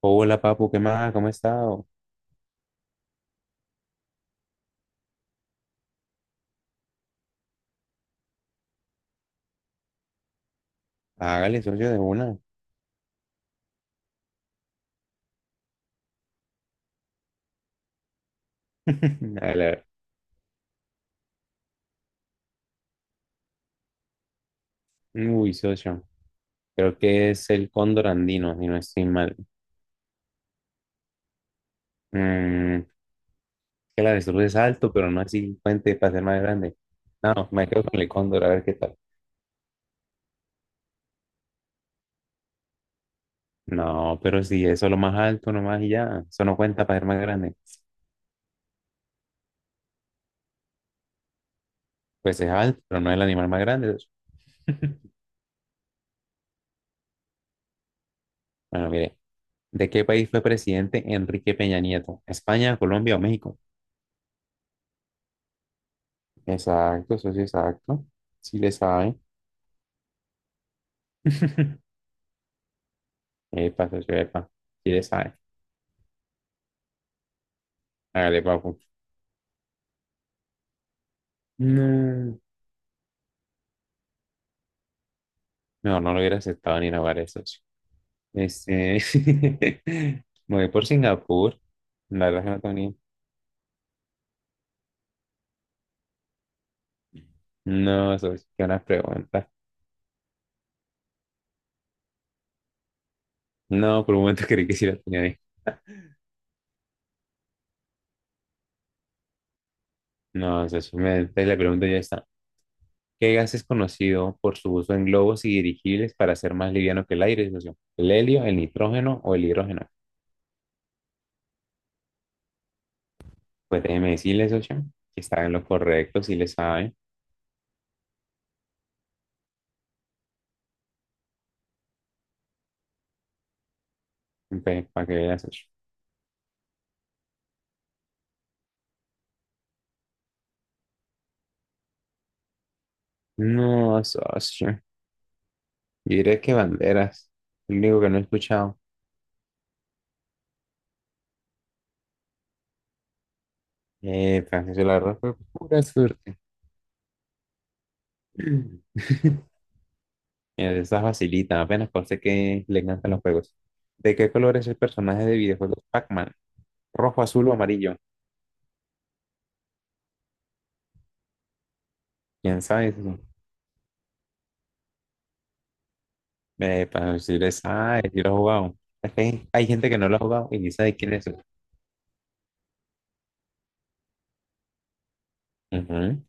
Hola, papu, ¿qué más? ¿Cómo ha estado? Hágale, socio, de una. A la- Uy, socio. Creo que es el cóndor andino, si no estoy mal. Mm, que la avestruz es alto, pero no así puente para ser más grande. No, me quedo con el cóndor, a ver qué tal. No, pero si eso es lo más alto nomás y ya, eso no cuenta para ser más grande. Pues es alto, pero no es el animal más grande, socio. Bueno, mire, ¿de qué país fue presidente Enrique Peña Nieto? ¿España, Colombia o México? Exacto, socio, exacto. Sí le sabe. Epa, socio, epa. Si le sabe. Hágale, papu. No. No, no lo hubiera aceptado ni la eso, socio. Este. Me voy por Singapur. La verdad que no tenía. No, socio, qué buena pregunta. No, por un momento creí que sí la tenía ahí. No, socio, me, entonces la pregunta ya está. ¿Qué gas es conocido por su uso en globos y dirigibles para ser más liviano que el aire, socio? ¿El helio, el nitrógeno o el hidrógeno? Pues déjeme decirle, socio, que está en lo correcto, si le sabe. Pues, para que vea, socio. No, socio. Yo diría que banderas. Lo único que no he escuchado. Francisco, la verdad fue pura suerte. Mira, esa facilita, apenas parece que le encantan los juegos. ¿De qué color es el personaje de videojuegos Pac-Man? ¿Rojo, azul o amarillo? ¿Quién sabe eso? Para decirle, ah, si lo he jugado. Es que hay gente que no lo ha jugado y ni sabe quién es eso. Ujú.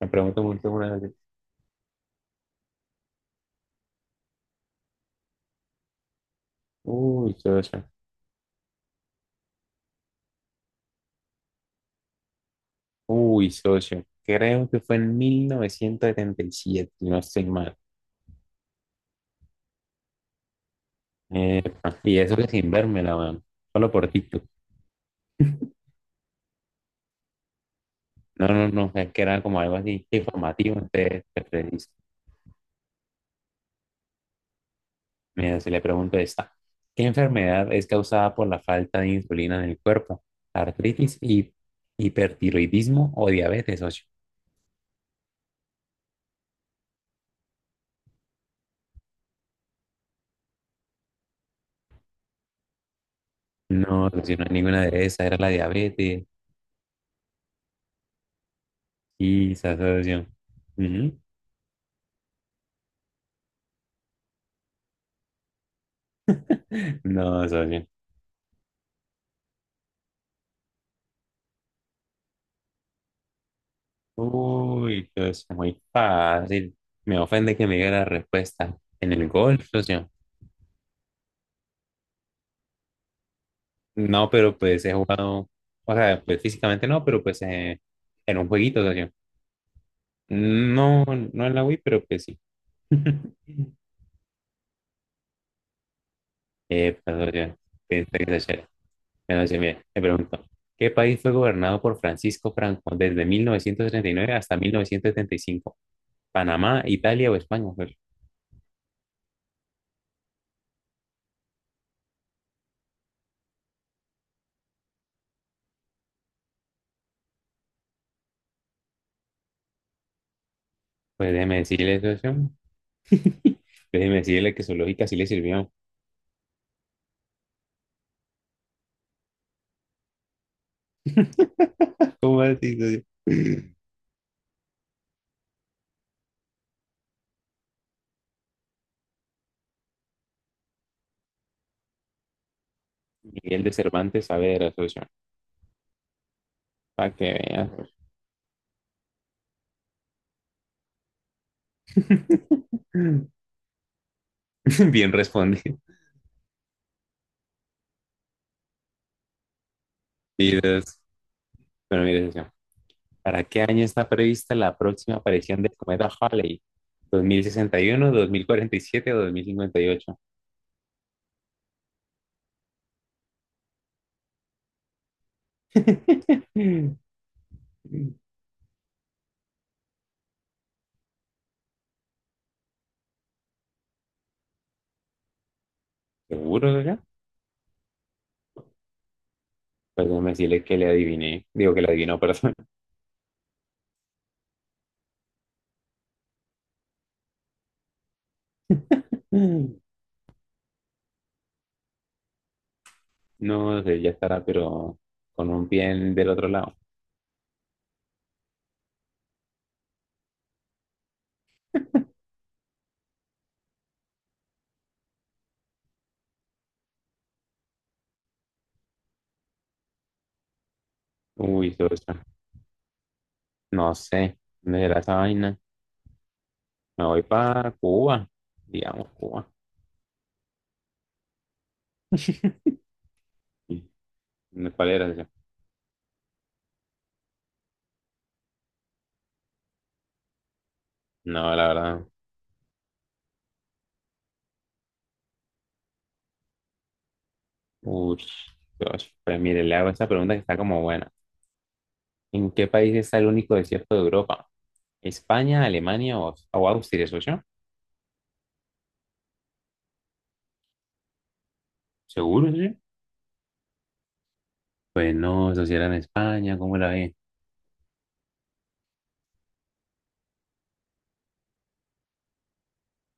Me pregunto mucho una vez. Uy, socio. Uy, socio. Creo que fue en 1977, si no estoy mal. Epa, y eso que sin vérmela, weón. Solo por TikTok. No, no, no, es que era como algo así informativo, entonces te preciso. Mira, si le pregunto esta, ¿qué enfermedad es causada por la falta de insulina en el cuerpo? ¿Artritis, hipertiroidismo o diabetes, socio? No, socio, no hay ninguna de esas, era la diabetes. Y esa socio. Ujú. No, socio. Uy, socio, muy fácil. Me ofende que me diga la respuesta. En el golf, socio. No, pero pues he jugado, o sea, pues físicamente no, pero pues en un jueguito, o no, no en la Wii, pero pues sí. Perdón, yo, pensé que se echara. Bueno, sí, mira, me pregunto, ¿qué país fue gobernado por Francisco Franco desde 1939 hasta 1975? ¿Panamá, Italia o España? Pues déjeme decirle eso, socio. Déjeme decirle que su lógica sí le sirvió. ¿Cómo así, socio? Miguel de Cervantes Saavedra, socio. Para que vean. Bien respondido. Bueno, mire, socio, ¿para qué año está prevista la próxima aparición del cometa Halley? ¿2061, 2047 o 2058? ¿Seguro, socio? Pues déjame decirle que le adiviné. Digo que le adivinó, perdón. No sé, ya estará, pero con un pie del otro lado. Uy, socio, no sé. ¿Dónde será esa vaina? Me voy para Cuba. Digamos, Cuba. ¿Cuál era, socio? No, la verdad. Uy, Dios, pues mire, le hago esta pregunta que está como buena. ¿En qué país está el único desierto de Europa? ¿España, Alemania o Austria, socio? ¿Seguro, socio? Pues no, eso sí era en España, ¿cómo la ve?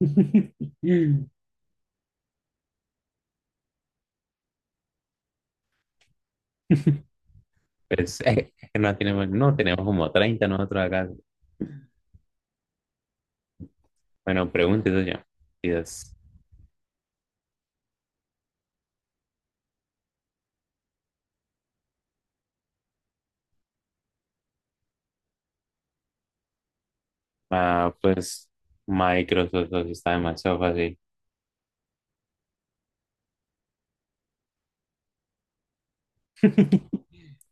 Pues, no tenemos como 30 nosotros acá. Bueno, pregunte, socio. Dios. Ah, pues Microsoft socio, está demasiado fácil.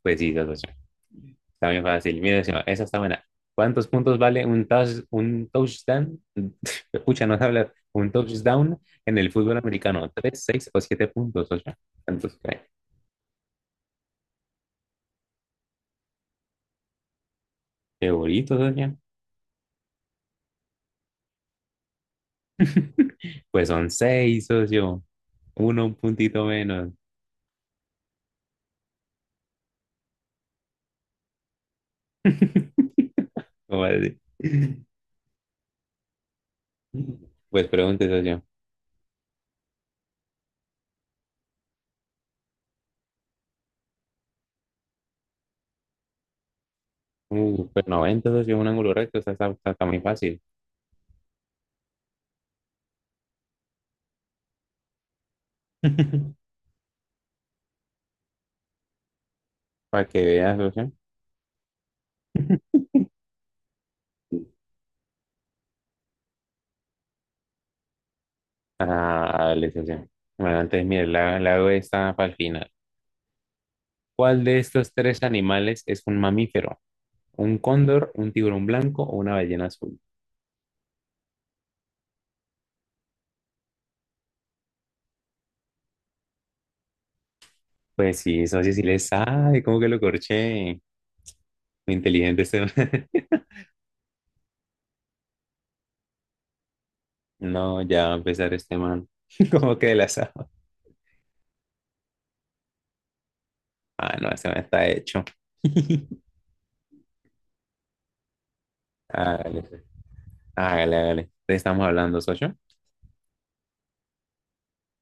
Pues sí, socio. Está bien fácil. Mira, encima, esa está buena. ¿Cuántos puntos vale un, un touchdown? Escucha, no sé hablar. Un touchdown en el fútbol americano. ¿Tres, seis o siete puntos, socio? ¿Cuántos cree? Qué bonito, socio. Pues son seis, socio. Uno, un puntito menos. ¿Cómo así? Pues pregunte, socio. Pues 90, socio, un ángulo recto. Está muy fácil. Para que veas, socio. Ah, listo, sí. Bueno, entonces, mire, la hago esta para el final. ¿Cuál de estos tres animales es un mamífero? ¿Un cóndor, un tiburón blanco o una ballena azul? Pues sí, eso sí, sí le sabe, ¿cómo que lo corché? Muy inteligente este man. No, ya va a empezar este man. ¿Cómo que la sabe? Ah, no, este man está hecho. Hágale, pues. Hágale. Entonces, estamos hablando, socio.